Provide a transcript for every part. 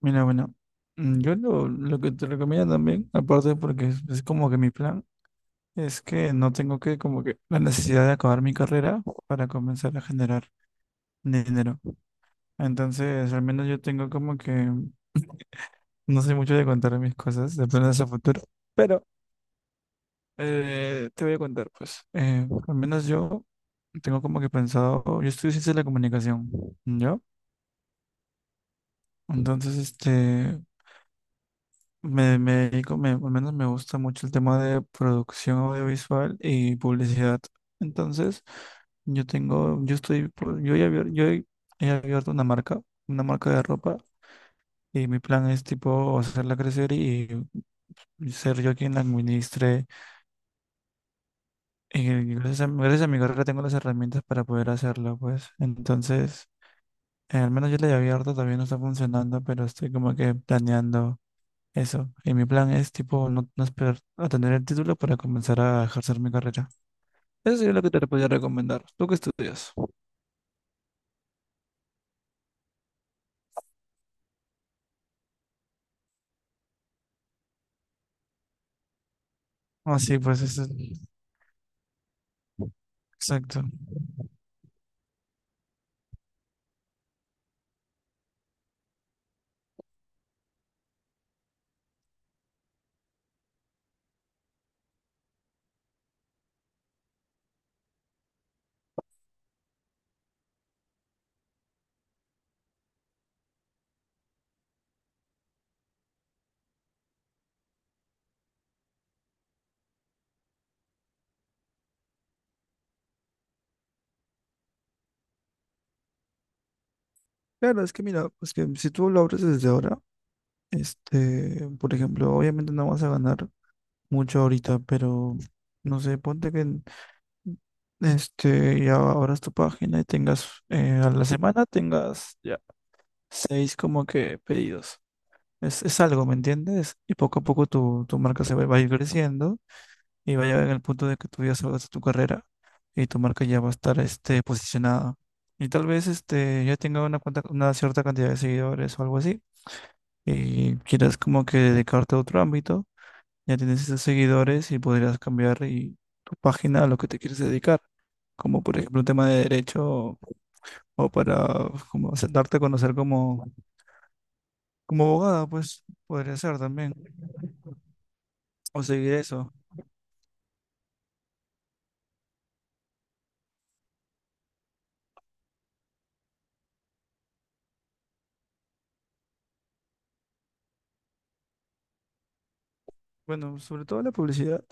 Mira, bueno, lo que te recomiendo también, aparte porque es como que mi plan, es que no tengo que como que la necesidad de acabar mi carrera para comenzar a generar dinero. Entonces, al menos yo tengo como que, no sé mucho de contar mis cosas, de planes a futuro, pero te voy a contar, pues, al menos yo tengo como que pensado, yo estudio ciencia de la comunicación, ¿yo? Entonces, me dedico, me, al menos me gusta mucho el tema de producción audiovisual y publicidad. Entonces, yo tengo, yo estoy, yo he abierto, he abierto una marca de ropa y mi plan es tipo hacerla crecer y ser yo quien la administre. Y gracias a mi carrera tengo las herramientas para poder hacerlo, pues. Entonces, al menos yo la he abierto, todavía no está funcionando, pero estoy como que planeando. Eso. Y mi plan es, tipo, no, no esperar a tener el título para comenzar a ejercer mi carrera. Eso sería lo que te podría recomendar. ¿Tú qué estudias? Ah, sí, pues eso. Exacto. Claro, es que mira, pues que si tú lo abres desde ahora, por ejemplo, obviamente no vas a ganar mucho ahorita, pero no sé, ponte que ya abras tu página y tengas, a la semana tengas ya 6 como que pedidos. Es algo, ¿me entiendes? Y poco a poco tu marca va a ir creciendo y va a llegar en el punto de que tú ya salgas de tu carrera y tu marca ya va a estar este, posicionada. Y tal vez este, ya tenga una, una cierta cantidad de seguidores o algo así y quieras como que dedicarte a otro ámbito ya tienes esos seguidores y podrías cambiar y tu página a lo que te quieres dedicar, como por ejemplo un tema de derecho o para como darte a conocer como, como abogada, pues podría ser también, o seguir eso. Bueno, sobre todo la publicidad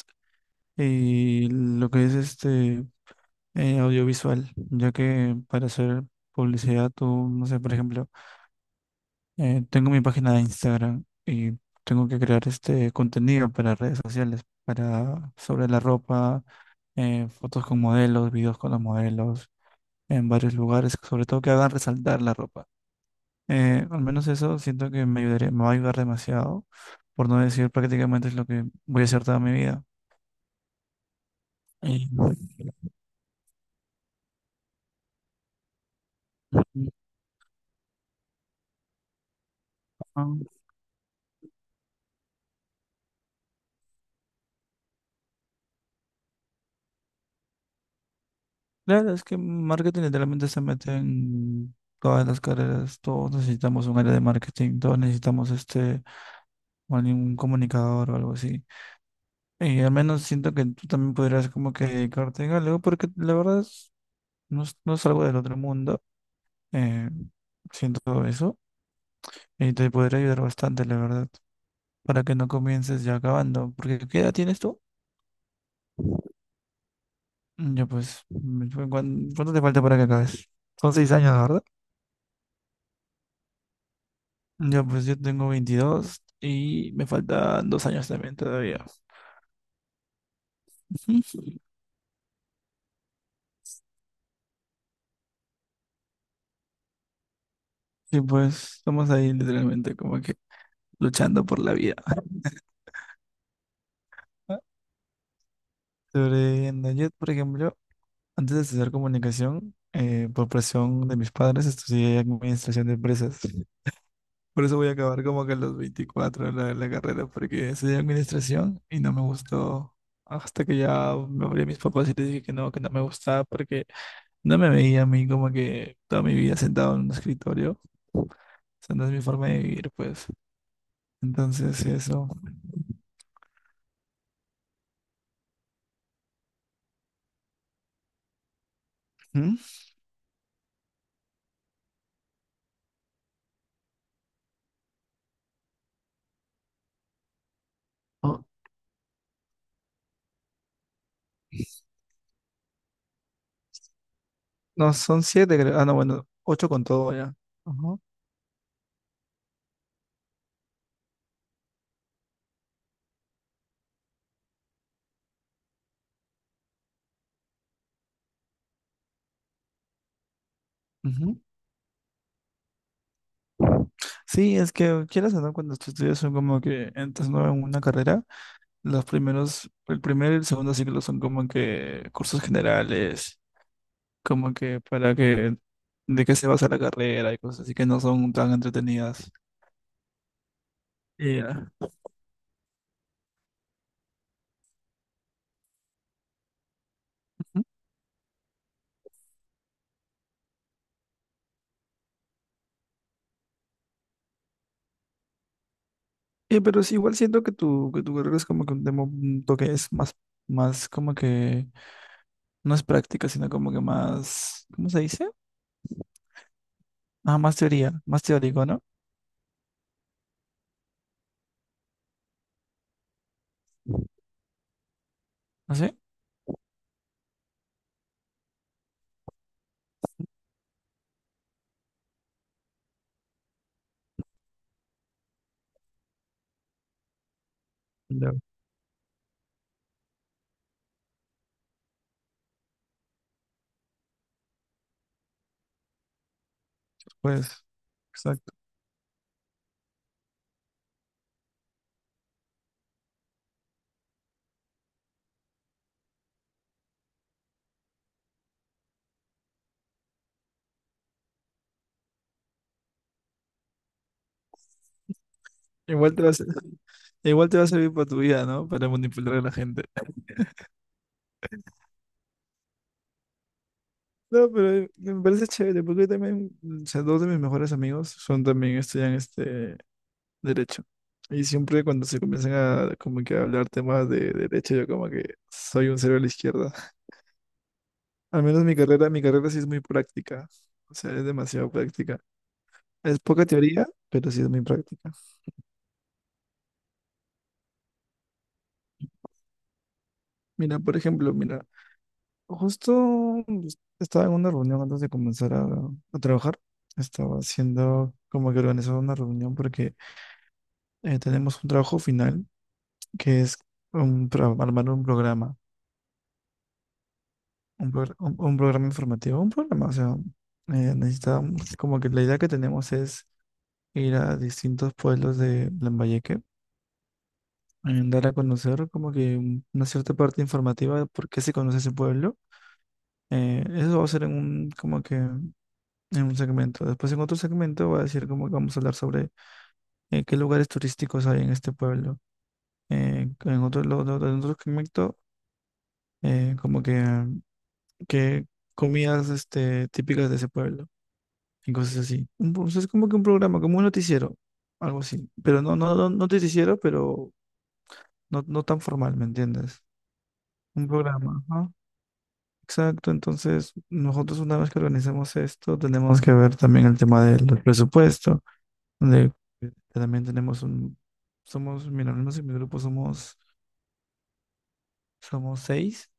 y lo que es este audiovisual, ya que para hacer publicidad tú, no sé, por ejemplo, tengo mi página de Instagram y tengo que crear este contenido para redes sociales, para sobre la ropa fotos con modelos, videos con los modelos, en varios lugares, sobre todo que hagan resaltar la ropa. Al menos eso siento que me ayudaría, me va a ayudar demasiado, por no decir prácticamente es lo que voy a hacer toda mi vida. Y, ah, claro, es que marketing literalmente se mete en todas las carreras, todos necesitamos un área de marketing, todos necesitamos este, o algún comunicador o algo así. Y al menos siento que tú también podrías como que dedicarte a algo, porque la verdad... No, no es algo del otro mundo, eh, siento eso, y te podría ayudar bastante, la verdad, para que no comiences ya acabando, porque ¿qué edad tienes tú? Ya pues, cuánto te falta para que acabes? Son 6 años, ¿verdad? Ya pues yo tengo 22 y me faltan 2 años también todavía. Sí, pues estamos ahí literalmente como que luchando por la vida. Sobreviviendo. Yo, por ejemplo, antes de estudiar comunicación, por presión de mis padres, estudié administración de empresas. Por eso voy a acabar como que a los 24 la carrera, porque estudié administración y no me gustó. Hasta que ya me hablé a mis papás y les dije que no me gustaba, porque no me veía a mí como que toda mi vida sentado en un escritorio. O sea, no es mi forma de vivir, pues. Entonces, eso. ¿Mm? Oh, no, son 7, creo. Ah, no, bueno, 8 con todo ya. Ajá, ujú. Sí, es que quieras o no, cuando tú estudias son como que entras nuevo en una carrera. Los primeros, el primer y el segundo ciclo son como que cursos generales, como que para que, de qué se basa la carrera y cosas así que no son tan entretenidas. Y, ya. Ujú. Y, pero sí, igual siento que que tu carrera es como que un tema, un toque es más, más como que, no es práctica, sino como que más, ¿cómo se dice? Ah, más teoría, más teórico, ¿no? ¿No sé? Ya, pues, exacto. Igual te va a igual te va a servir para tu vida, ¿no? Para manipular a la gente. No, pero me parece chévere, porque yo también, o sea, dos de mis mejores amigos son también estudian este derecho. Y siempre cuando se comienzan a como que a hablar temas de derecho, yo como que soy un cero a la izquierda. Al menos mi carrera sí es muy práctica. O sea, es demasiado práctica. Es poca teoría, pero sí es muy práctica. Mira, por ejemplo, mira, justo estaba en una reunión antes de comenzar a trabajar. Estaba haciendo como que organizaba una reunión porque tenemos un trabajo final que es un, armar un programa, un, un programa informativo, un programa, o sea, necesitamos, como que la idea que tenemos es ir a distintos pueblos de Lambayeque, dar a conocer como que una cierta parte informativa de por qué se conoce ese pueblo. Eso va a ser en un, como que en un segmento. Después en otro segmento va a decir como que vamos a hablar sobre qué lugares turísticos hay en este pueblo. En otro, en otro segmento, como que comidas este, típicas de ese pueblo y cosas así. O sea, es como que un programa, como un noticiero, algo así. Pero no, no, no, no noticiero, pero no, no tan formal, ¿me entiendes? Un programa, ¿no? Exacto, entonces nosotros una vez que organizamos esto, tenemos que ver también el tema del presupuesto, donde también tenemos un, somos, mira, al menos en mi grupo somos 6,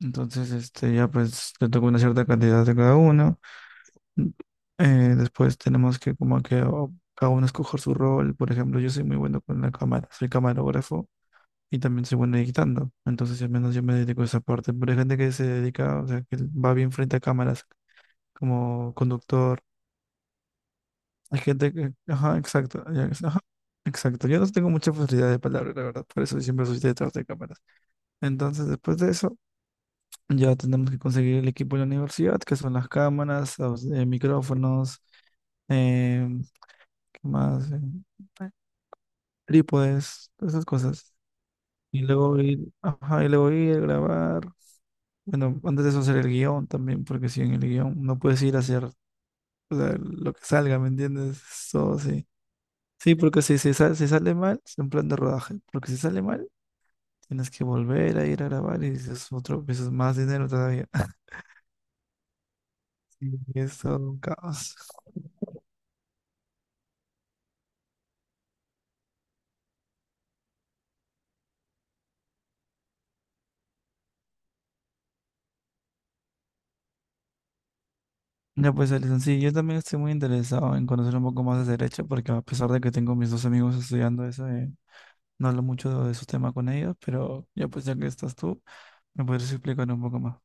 entonces este ya pues le toca una cierta cantidad de cada uno. Después tenemos que como que cada uno escoger su rol. Por ejemplo, yo soy muy bueno con la cámara, soy camarógrafo y también soy bueno editando. Entonces, al menos yo me dedico a esa parte. Pero hay gente que se dedica, o sea, que va bien frente a cámaras como conductor. Hay gente que, ajá, exacto, ajá, exacto. Yo no tengo mucha facilidad de palabra, la verdad, por eso siempre soy detrás de cámaras. Entonces, después de eso, ya tenemos que conseguir el equipo de la universidad, que son las cámaras, los, micrófonos em, más en trípodes, todas esas cosas. Y luego ir, ajá, y luego ir, grabar. Bueno, antes de eso hacer el guión también, porque si en el guión no puedes ir a hacer o sea, lo que salga, ¿me entiendes? Todo sí. Sí, porque si, si, si sale mal, es en plan de rodaje. Porque si sale mal, tienes que volver a ir a grabar y es otro, pues, es más dinero todavía. Y es todo un caos. Ya pues, Alison, sí, yo también estoy muy interesado en conocer un poco más de derecho, porque a pesar de que tengo mis dos amigos estudiando eso, no hablo mucho de esos temas con ellos, pero ya pues ya que estás tú, me podrías explicar un poco más.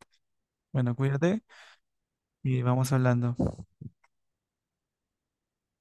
Bueno, cuídate y vamos hablando.